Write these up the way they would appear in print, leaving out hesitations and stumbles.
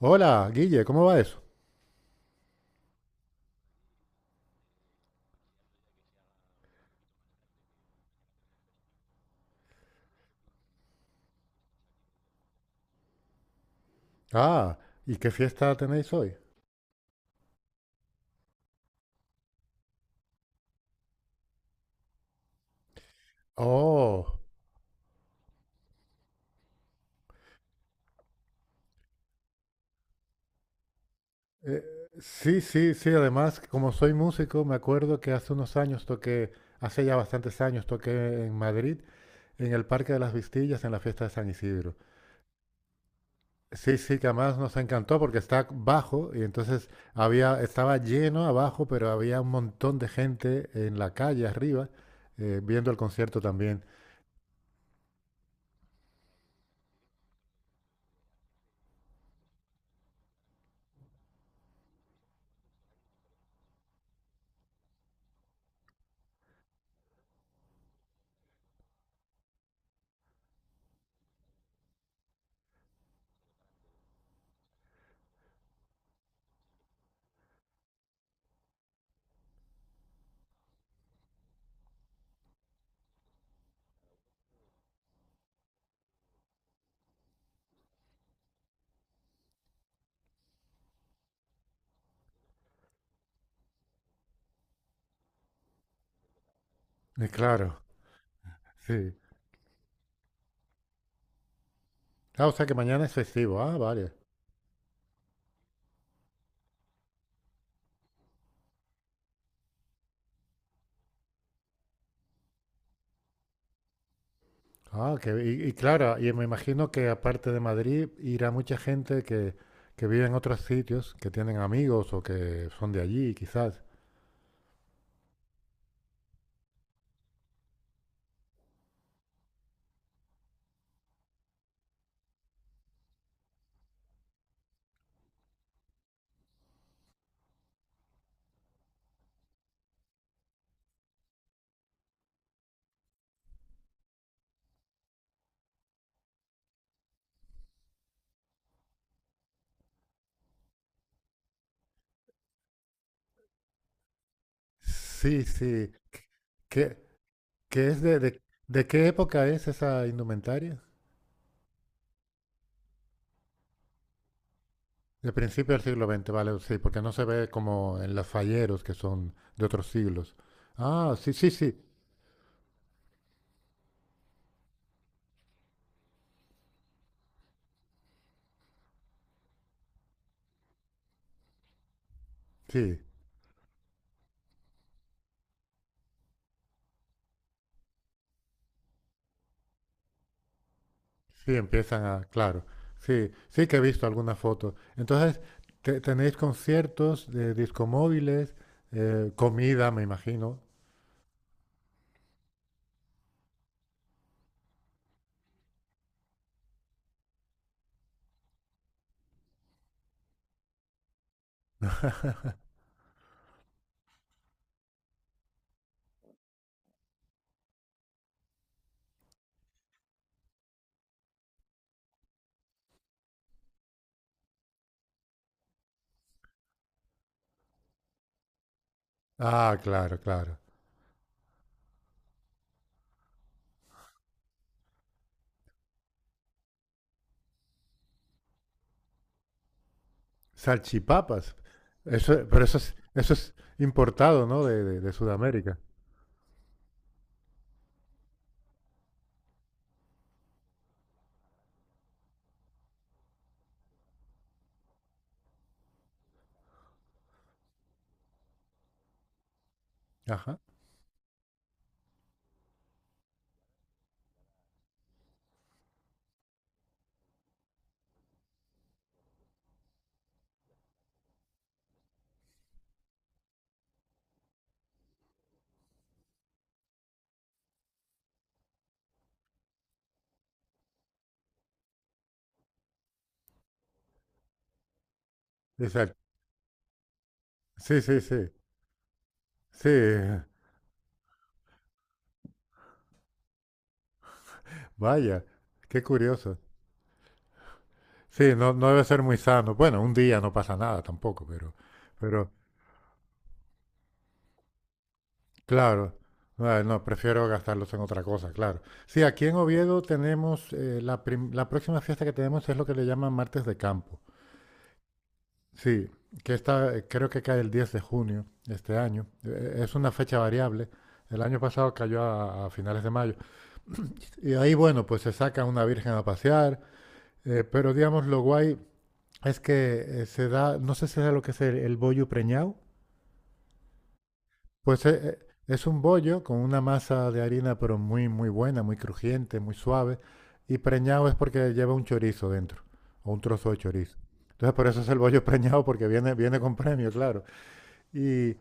Hola, Guille, ¿cómo va eso? Ah, ¿y qué fiesta tenéis hoy? Oh, eh, sí, sí, sí, además, como soy músico, me acuerdo que hace unos años hace ya bastantes años toqué en Madrid, en el Parque de las Vistillas, en la fiesta de San Isidro. Sí, sí, que además nos encantó porque está bajo y entonces estaba lleno abajo, pero había un montón de gente en la calle arriba, viendo el concierto también. Y claro, sí. Ah, o sea que mañana es festivo. Ah, vale. Ah, y claro, y me imagino que aparte de Madrid irá mucha gente que vive en otros sitios, que tienen amigos o que son de allí, quizás. Sí, sí. ¿Qué, qué es de qué época es esa indumentaria? De principio del siglo XX, vale, sí, porque no se ve como en los falleros que son de otros siglos. Ah, sí, sí, sí, sí. Sí, claro. Sí, sí que he visto algunas fotos. Entonces, tenéis conciertos de discomóviles, comida, me imagino. Ah, claro, claro. Salchipapas. Eso, pero eso es importado, ¿no? De Sudamérica. Ajá. Exacto. Sí, sí, sí. Sí, vaya, qué curioso. Sí, no, no debe ser muy sano. Bueno, un día no pasa nada tampoco, pero Claro, Ah, no, prefiero gastarlos en otra cosa, claro. Sí, aquí en Oviedo tenemos, la, la próxima fiesta que tenemos es lo que le llaman Martes de Campo. Sí, que esta creo que cae el 10 de junio de este año. Es una fecha variable. El año pasado cayó a finales de mayo. Y ahí, bueno, pues se saca una virgen a pasear, pero digamos, lo guay es que se da, no sé si es lo que es el bollo preñado. Pues es un bollo con una masa de harina, pero muy, muy buena, muy crujiente, muy suave. Y preñado es porque lleva un chorizo dentro, o un trozo de chorizo. Entonces, por eso es el bollo preñado, porque viene con premio, claro. Y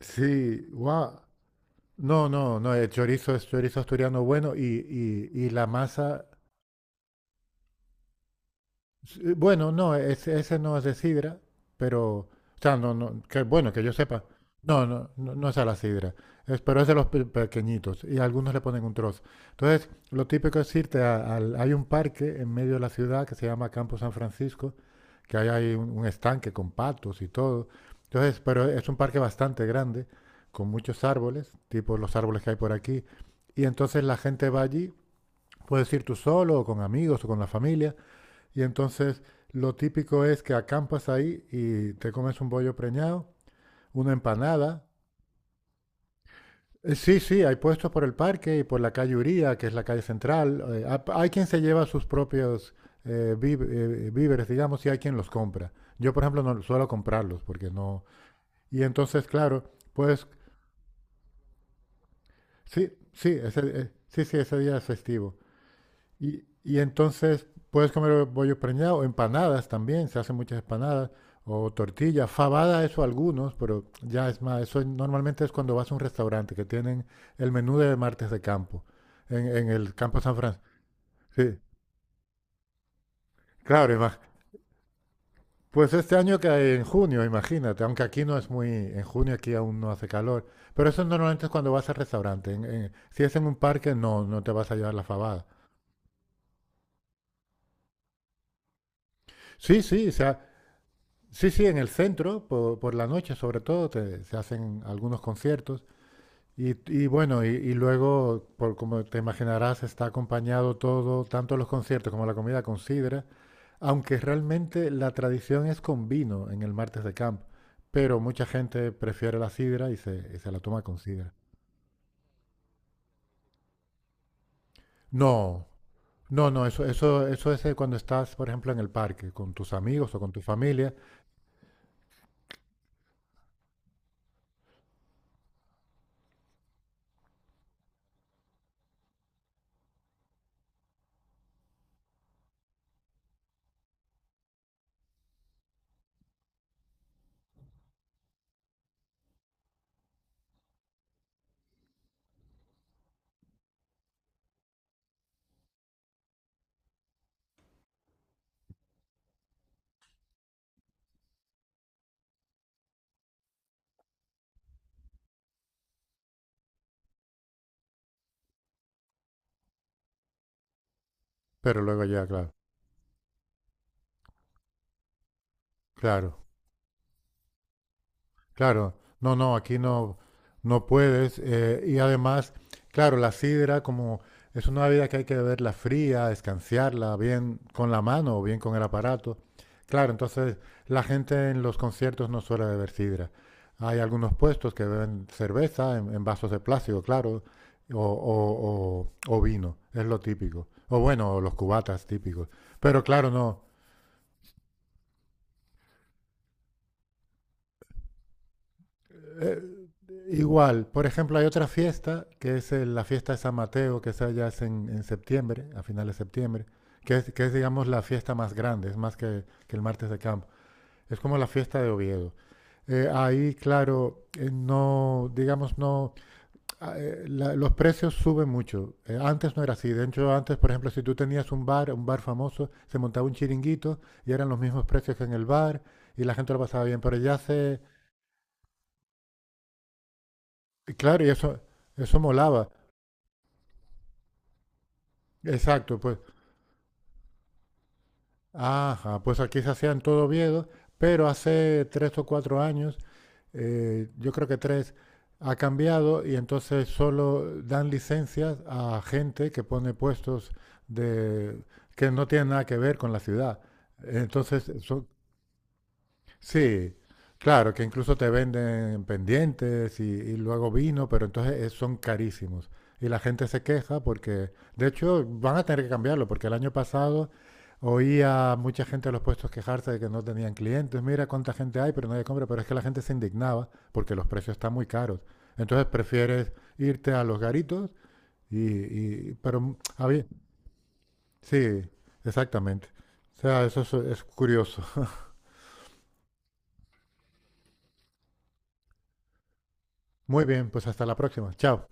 sí, wow. No, no, no, el chorizo es chorizo asturiano bueno y la masa. Sí, bueno, no, ese no es de sidra, pero, o sea, no, no, que bueno, que yo sepa. No, no, no, no es a la sidra, es, pero es de los pequeñitos y algunos le ponen un trozo. Entonces, lo típico es al, hay un parque en medio de la ciudad que se llama Campo San Francisco, que ahí hay un estanque con patos y todo. Entonces, pero es un parque bastante grande, con muchos árboles, tipo los árboles que hay por aquí. Y entonces la gente va allí, puedes ir tú solo o con amigos o con la familia. Y entonces lo típico es que acampas ahí y te comes un bollo preñado, una empanada. Sí, sí, hay puestos por el parque y por la calle Uría, que es la calle central. Hay quien se lleva sus propios víveres, digamos, y hay quien los compra. Yo, por ejemplo, no suelo comprarlos porque no... Y entonces, claro, pues sí, sí, ese día es festivo. Y entonces puedes comer bollos preñados, empanadas también, se hacen muchas empanadas, o tortillas, fabada, eso algunos, pero ya es más, eso normalmente es cuando vas a un restaurante que tienen el menú de martes de campo, en el campo San Francisco. Sí, claro, pues este año que en junio, imagínate, aunque aquí no es muy, en junio aquí aún no hace calor, pero eso normalmente es cuando vas al restaurante, si es en un parque no, no te vas a llevar la fabada. Sí, sí, sí, sí, en el centro, la noche sobre todo, se hacen algunos conciertos. Y, y bueno, y luego, por como te imaginarás, está acompañado todo, tanto los conciertos como la comida con sidra, aunque realmente la tradición es con vino en el martes de camp, pero mucha gente prefiere la sidra y se la toma con sidra. No, no, no, eso es cuando estás, por ejemplo, en el parque con tus amigos o con tu familia, pero luego ya, claro, claro. Claro, no, no, aquí no, no puedes. Eh, y además, claro, la sidra como es una bebida que hay que beberla fría, escanciarla bien con la mano o bien con el aparato. Claro, entonces la gente en los conciertos no suele beber sidra. Hay algunos puestos que beben cerveza en vasos de plástico, claro, o vino, es lo típico. O bueno, los cubatas típicos. Pero claro, no. eh, Igual, por ejemplo, hay otra fiesta, que es la fiesta de San Mateo, que esa ya es en septiembre, a finales de septiembre, que es, digamos, la fiesta más grande, es más que el martes de campo. Es como la fiesta de Oviedo. Ahí, claro, no, digamos, no, los precios suben mucho. Antes no era así. De hecho, antes, por ejemplo, si tú tenías un bar famoso, se montaba un chiringuito y eran los mismos precios que en el bar y la gente lo pasaba bien. Pero ya se, claro, y eso molaba. Exacto, pues ajá, pues aquí se hacían todo Oviedo, pero hace 3 o 4 años, yo creo que tres, ha cambiado y entonces solo dan licencias a gente que pone puestos de, que no tienen nada que ver con la ciudad. Entonces, son- Sí, claro, que incluso te venden pendientes y luego vino, pero entonces son carísimos. Y la gente se queja porque, de hecho, van a tener que cambiarlo, porque el año pasado oía a mucha gente de los puestos quejarse de que no tenían clientes. Mira cuánta gente hay, pero nadie compra. Pero es que la gente se indignaba porque los precios están muy caros. Entonces prefieres irte a los garitos y, pero sí, exactamente. O sea, eso es curioso. Muy bien, pues hasta la próxima. Chao.